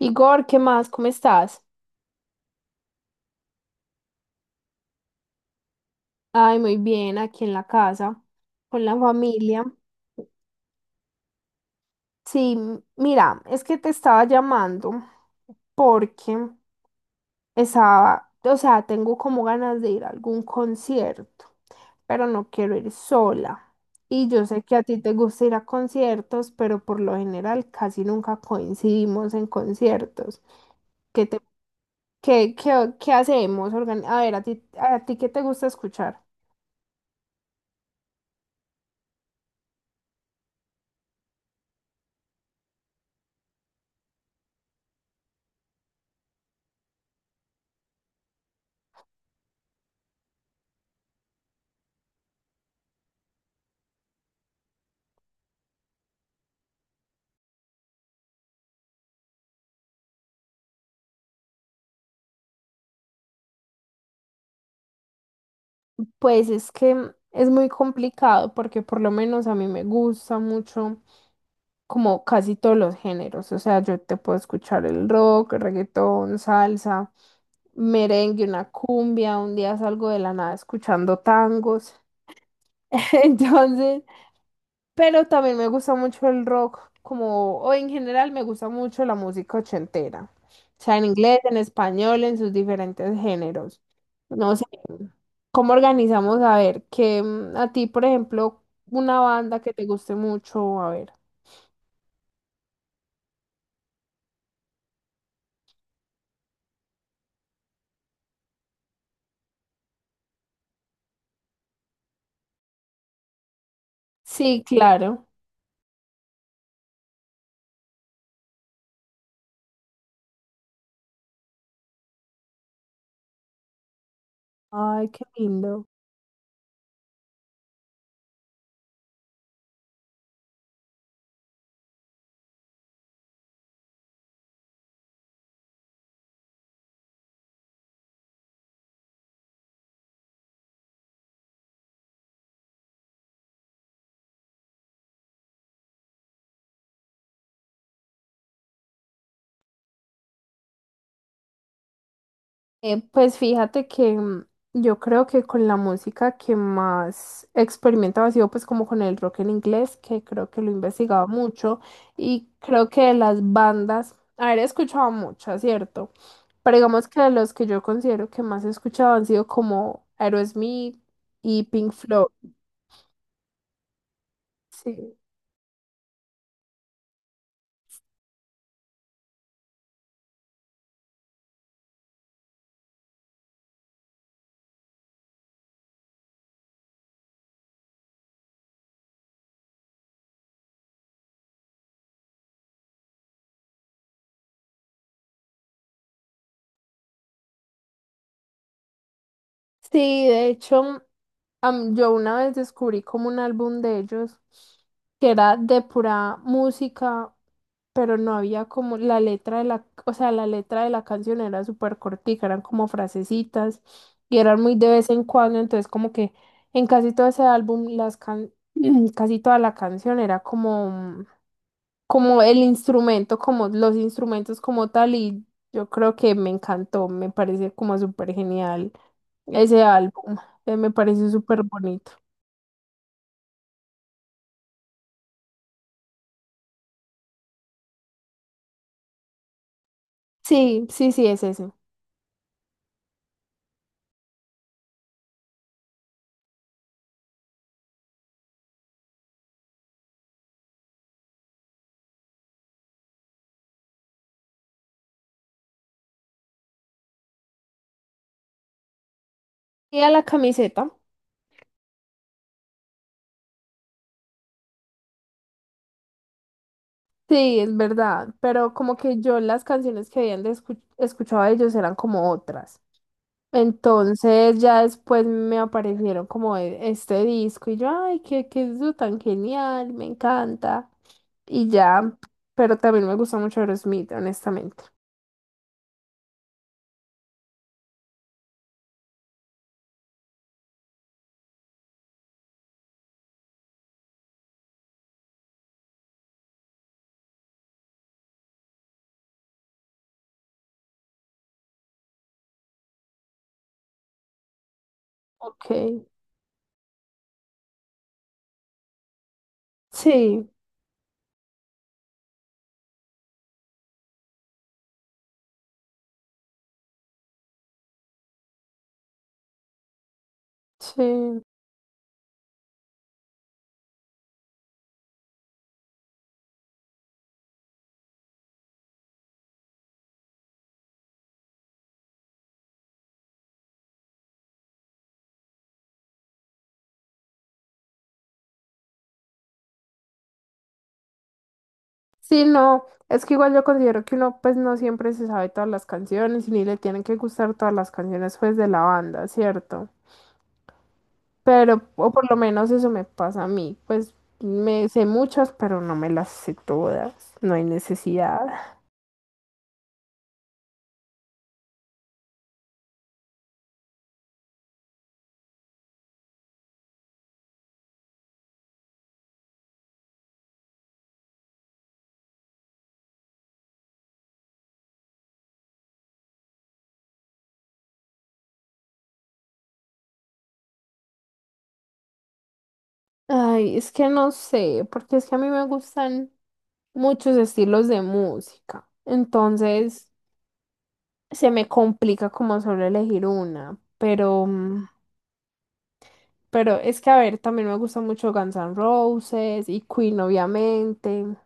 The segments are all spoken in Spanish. Igor, ¿qué más? ¿Cómo estás? Ay, muy bien, aquí en la casa, con la familia. Sí, mira, es que te estaba llamando porque tengo como ganas de ir a algún concierto, pero no quiero ir sola. Y yo sé que a ti te gusta ir a conciertos, pero por lo general casi nunca coincidimos en conciertos. ¿Qué te, qué, qué, qué hacemos? A ver, a ti, ¿qué te gusta escuchar? Pues es que es muy complicado porque por lo menos a mí me gusta mucho como casi todos los géneros. O sea, yo te puedo escuchar el rock, reggaetón, salsa, merengue, una cumbia. Un día salgo de la nada escuchando tangos. Entonces, pero también me gusta mucho el rock, como, o en general me gusta mucho la música ochentera. O sea, en inglés, en español, en sus diferentes géneros. No sé. ¿Cómo organizamos? A ver, que a ti, por ejemplo, una banda que te guste mucho, a ver. Sí, claro. Ay, qué lindo. Pues fíjate que yo creo que con la música que más experimentaba ha sido pues como con el rock en inglés, que creo que lo investigaba mucho y creo que de las bandas, a ver, he escuchado muchas, ¿cierto? Pero digamos que de los que yo considero que más he escuchado han sido como Aerosmith y Pink Floyd. Sí. Sí, de hecho, yo una vez descubrí como un álbum de ellos que era de pura música, pero no había como la letra de la, o sea, la letra de la canción era súper cortica, eran como frasecitas y eran muy de vez en cuando, entonces como que en casi todo ese álbum, casi toda la canción era como, como el instrumento, como los instrumentos como tal y yo creo que me encantó, me parece como súper genial ese álbum. Me parece súper bonito. Sí, sí, sí, es ese. Y a la camiseta. Sí, es verdad, pero como que yo las canciones que habían de escuchado de ellos eran como otras. Entonces ya después me aparecieron como este disco y yo, ay, qué, qué disco tan genial, me encanta. Y ya, pero también me gusta mucho Aerosmith, honestamente. Ok. Sí, sí. Sí, no, es que igual yo considero que uno pues no siempre se sabe todas las canciones y ni le tienen que gustar todas las canciones pues de la banda, ¿cierto? Pero, o por lo menos eso me pasa a mí, pues me sé muchas, pero no me las sé todas, no hay necesidad. Ay, es que no sé, porque es que a mí me gustan muchos estilos de música, entonces se me complica como solo elegir una, pero... Pero es que, a ver, también me gusta mucho Guns N' Roses y Queen, obviamente.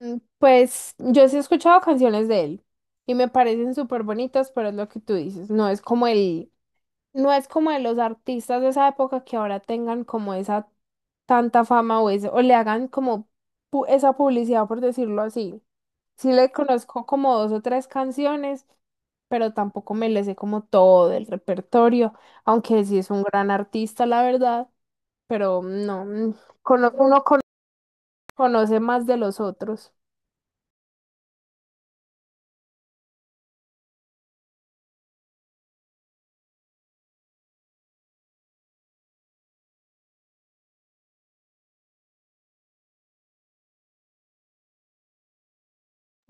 Pues yo sí he escuchado canciones de él y me parecen súper bonitas, pero es lo que tú dices, no es como el, no es como de los artistas de esa época que ahora tengan como esa tanta fama o, o le hagan como esa publicidad, por decirlo así. Sí le conozco como dos o tres canciones, pero tampoco me le sé como todo el repertorio, aunque sí es un gran artista, la verdad. Pero no, cono- uno cono- conoce más de los otros.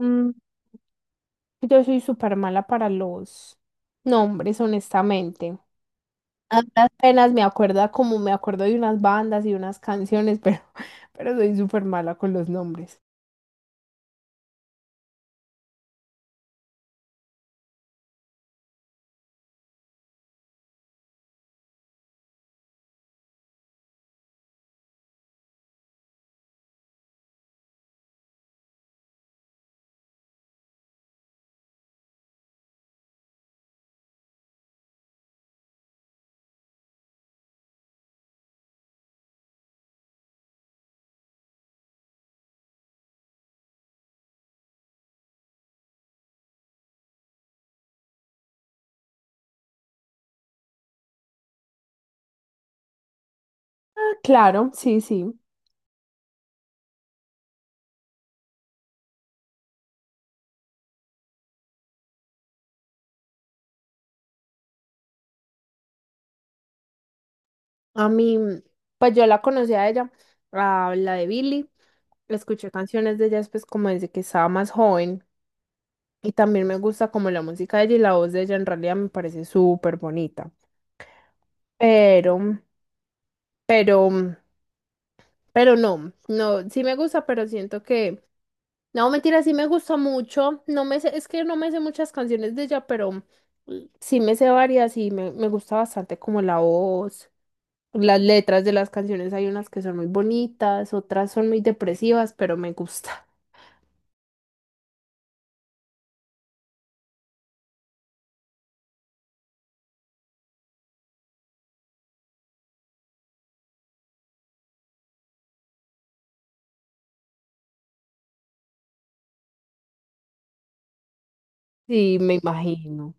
Mm, yo soy súper mala para los nombres, honestamente. Apenas me acuerda como me acuerdo de unas bandas y unas canciones, pero, pero soy súper mala con los nombres. Ah, claro, sí, sí. A mí, pues yo la conocí a ella, a la de Billie. Escuché canciones de ella después como desde que estaba más joven. Y también me gusta como la música de ella y la voz de ella en realidad me parece súper bonita. Pero, pero, pero no, no, sí me gusta, pero siento que, no, mentira, sí me gusta mucho, no me sé, es que no me sé muchas canciones de ella, pero sí me sé varias y me gusta bastante como la voz, las letras de las canciones, hay unas que son muy bonitas, otras son muy depresivas, pero me gusta, sí, me imagino.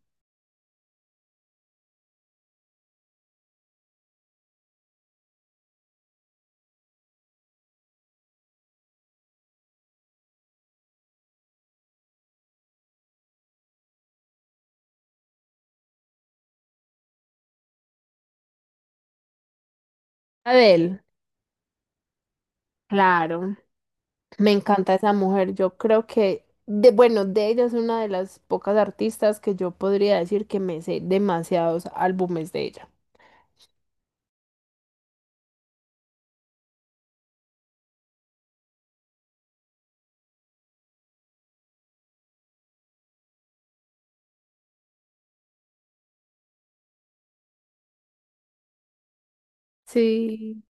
Adele, claro, me encanta esa mujer. Yo creo que, de, bueno, de ella es una de las pocas artistas que yo podría decir que me sé demasiados álbumes de ella. Sí.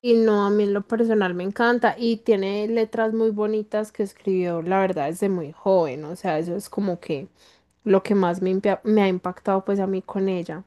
Y no, a mí en lo personal me encanta y tiene letras muy bonitas que escribió, la verdad, desde muy joven. O sea, eso es como que lo que más me ha impactado pues a mí con ella.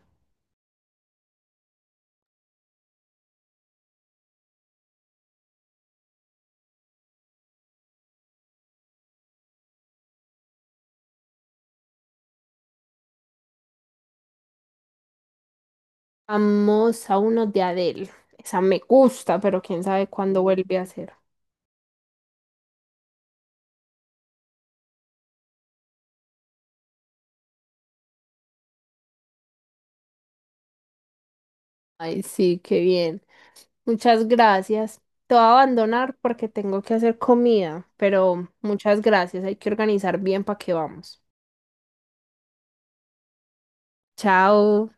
Vamos a uno de Adele. Esa me gusta, pero quién sabe cuándo vuelve a ser. Ay, sí, qué bien. Muchas gracias. Te voy a abandonar porque tengo que hacer comida, pero muchas gracias. Hay que organizar bien para que vamos. Chao.